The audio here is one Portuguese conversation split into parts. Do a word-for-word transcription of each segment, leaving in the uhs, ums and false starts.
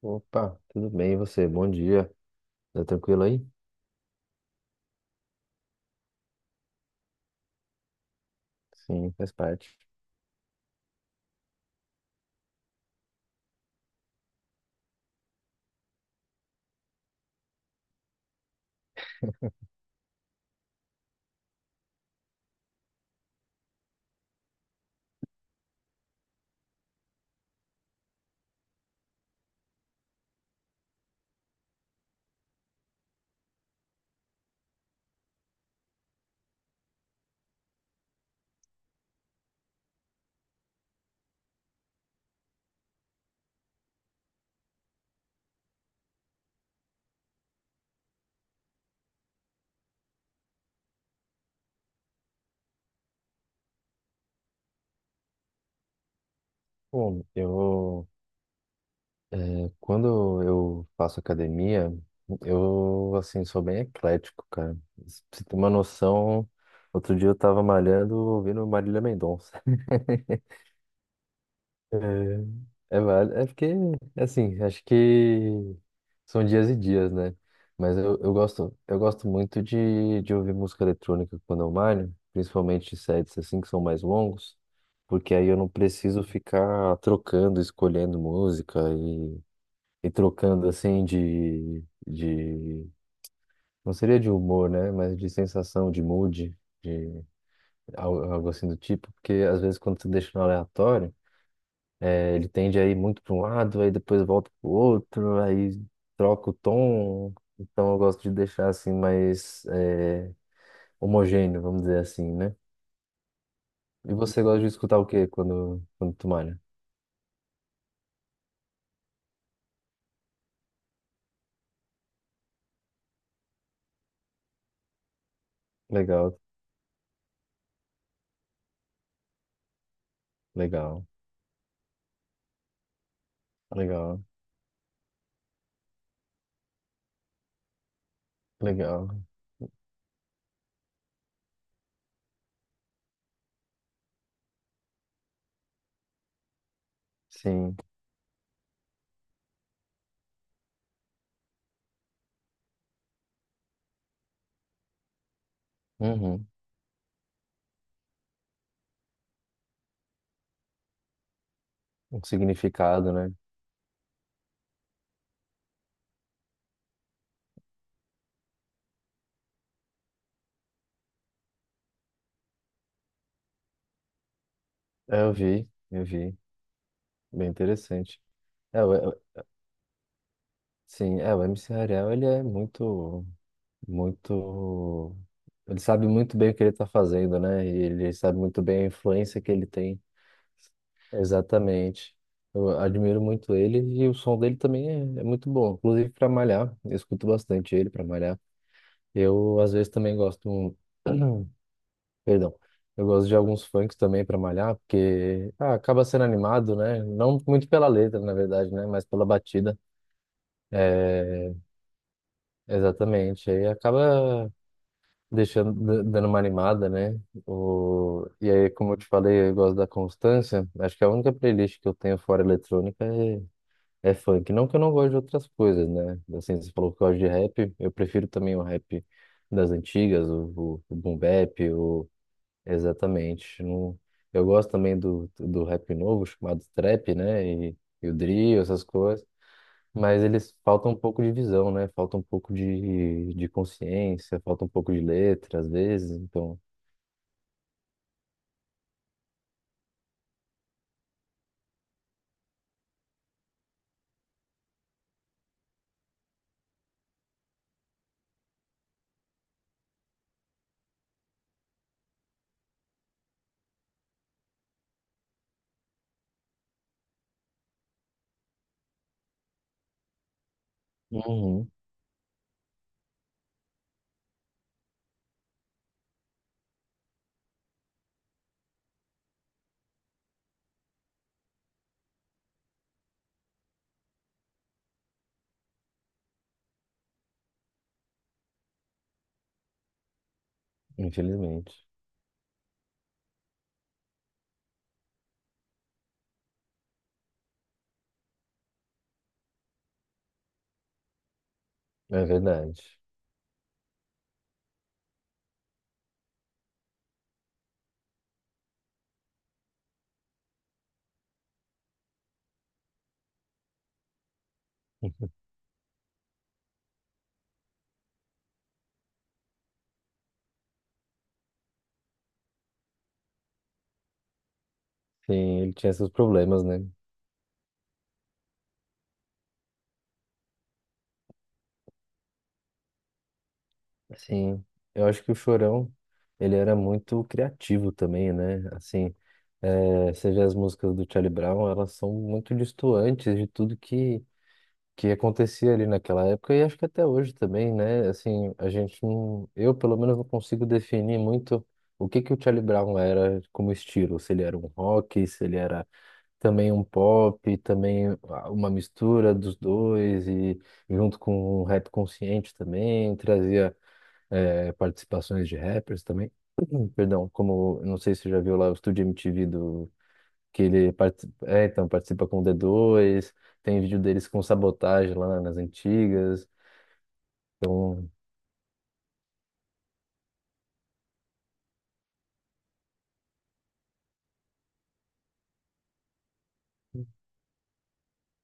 Opa, tudo bem, e você? Bom dia. Tá tranquilo aí? Sim, faz parte. Bom, eu, é, quando eu faço academia, eu, assim, sou bem eclético, cara. Pra você ter uma noção, outro dia eu tava malhando ouvindo Marília Mendonça. É, é válido. É porque, assim, acho que são dias e dias, né? Mas eu, eu gosto, eu gosto muito de, de ouvir música eletrônica quando eu malho, principalmente sets assim que são mais longos, porque aí eu não preciso ficar trocando, escolhendo música e, e trocando assim de, de, não seria de humor, né? Mas de sensação, de mood, de algo algo assim do tipo, porque às vezes quando você deixa no aleatório é, ele tende a ir muito para um lado, aí depois volta para o outro, aí troca o tom. Então eu gosto de deixar assim mais é, homogêneo, vamos dizer assim, né? E você gosta de escutar o quê quando, quando tu malha? Legal, legal, legal, legal. Sim. Uhum. Um significado, né? É, eu vi, eu vi. Bem interessante. É, o- é, o- sim, é, o M C Ariel, ele é muito. Muito. Ele sabe muito bem o que ele está fazendo, né? E ele sabe muito bem a influência que ele tem. Exatamente. Eu admiro muito ele e o som dele também é, é muito bom. Inclusive para malhar, eu escuto bastante ele para malhar. Eu às vezes também gosto, perdão, eu gosto de alguns funks também para malhar, porque ah, acaba sendo animado, né? Não muito pela letra, na verdade, né? Mas pela batida. É, exatamente. Aí acaba deixando, da- dando uma animada, né? O, e aí, como eu te falei, eu gosto da Constância. Acho que a única playlist que eu tenho fora eletrônica é, é funk. Não que eu não goste de outras coisas, né? Assim, você falou que gosta de rap, eu prefiro também o rap das antigas, o, o, o boom bap, o, exatamente. Não, eu gosto também do, do rap novo, chamado trap, né? E, e o drill, essas coisas. Mas eles faltam um pouco de visão, né? Falta um pouco de, de consciência, falta um pouco de letra, às vezes, então. Uhum, infelizmente. É verdade. Sim, ele tinha seus problemas, né? Sim, eu acho que o Chorão, ele era muito criativo também, né? Assim, eh, você vê as músicas do Charlie Brown, elas são muito distantes de tudo que que acontecia ali naquela época e acho que até hoje também, né? Assim, a gente não, eu pelo menos não consigo definir muito o que que o Charlie Brown era como estilo, se ele era um rock, se ele era também um pop, também ah, uma mistura dos dois e junto com um rap consciente também, trazia eh, participações de rappers também. Perdão, como não sei se você já viu lá o Estúdio M T V que ele parti- é, então, participa com o d dois. Tem vídeo deles com sabotagem lá nas antigas. Então,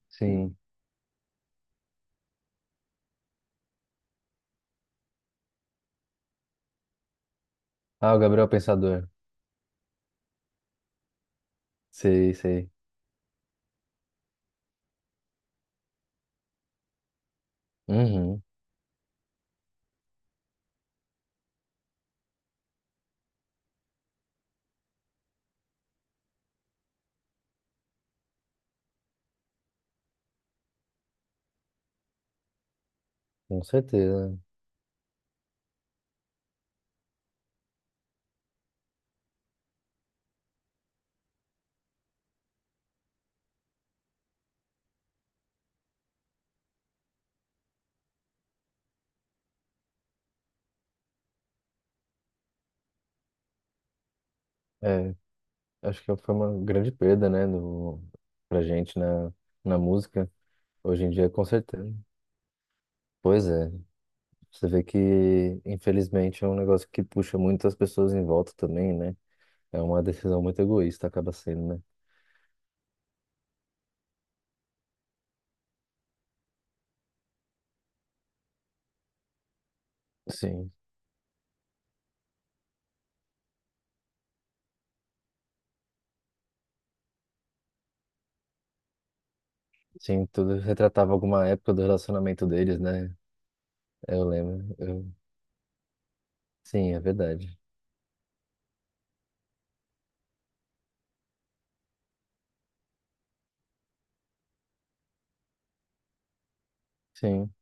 sim. Ah, o Gabriel Pensador. Sei, sei. Uhum, com certeza. É, acho que foi uma grande perda, né, do, pra gente na, na música. Hoje em dia, com certeza. Pois é. Você vê que, infelizmente, é um negócio que puxa muito as pessoas em volta também, né? É uma decisão muito egoísta, acaba sendo, né? Sim. Sim, tudo retratava alguma época do relacionamento deles, né? Eu lembro. Eu... Sim, é verdade. Sim.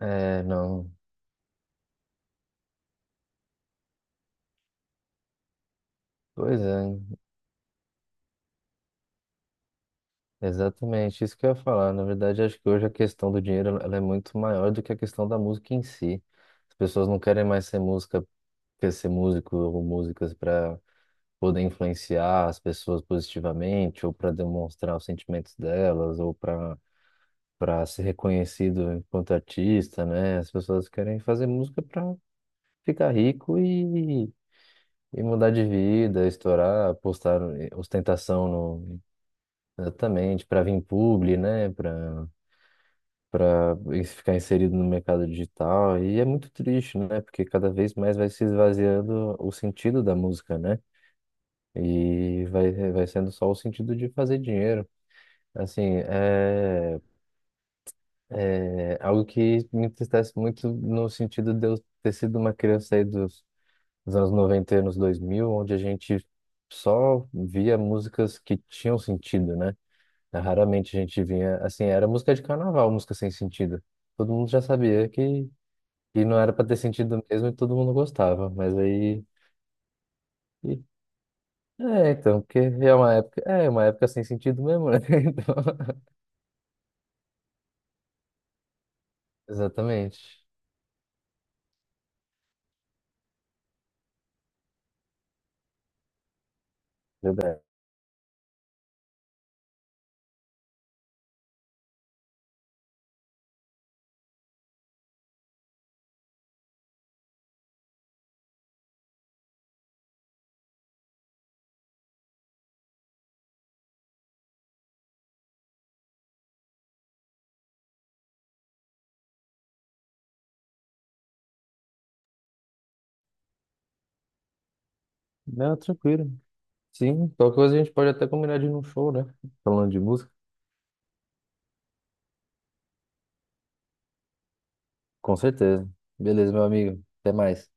É, não. Pois é, exatamente isso que eu ia falar. Na verdade, acho que hoje a questão do dinheiro ela é muito maior do que a questão da música em si. As pessoas não querem mais ser música, quer ser músico ou músicas para poder influenciar as pessoas positivamente ou para demonstrar os sentimentos delas ou para para ser reconhecido enquanto artista, né? As pessoas querem fazer música ficar rico e, e mudar de vida, estourar, postar ostentação no, exatamente, para vir publi, né? Para para ficar inserido no mercado digital. E é muito triste, né? Porque cada vez mais vai se esvaziando o sentido da música, né? E vai, vai sendo só o sentido de fazer dinheiro. Assim, é, é algo que me entristece muito no sentido de eu ter sido uma criança aí dos nos anos noventa e anos dois mil onde a gente só via músicas que tinham sentido, né? Raramente a gente vinha, assim, era música de carnaval, música sem sentido. Todo mundo já sabia que, que não era para ter sentido mesmo e todo mundo gostava, mas aí e- é, então, porque é uma época, é uma época sem sentido mesmo, né? Então, exatamente. Verdade. Não, tranquilo. Sim, qualquer coisa a gente pode até combinar de ir num show, né? Falando de música. Com certeza. Beleza, meu amigo. Até mais.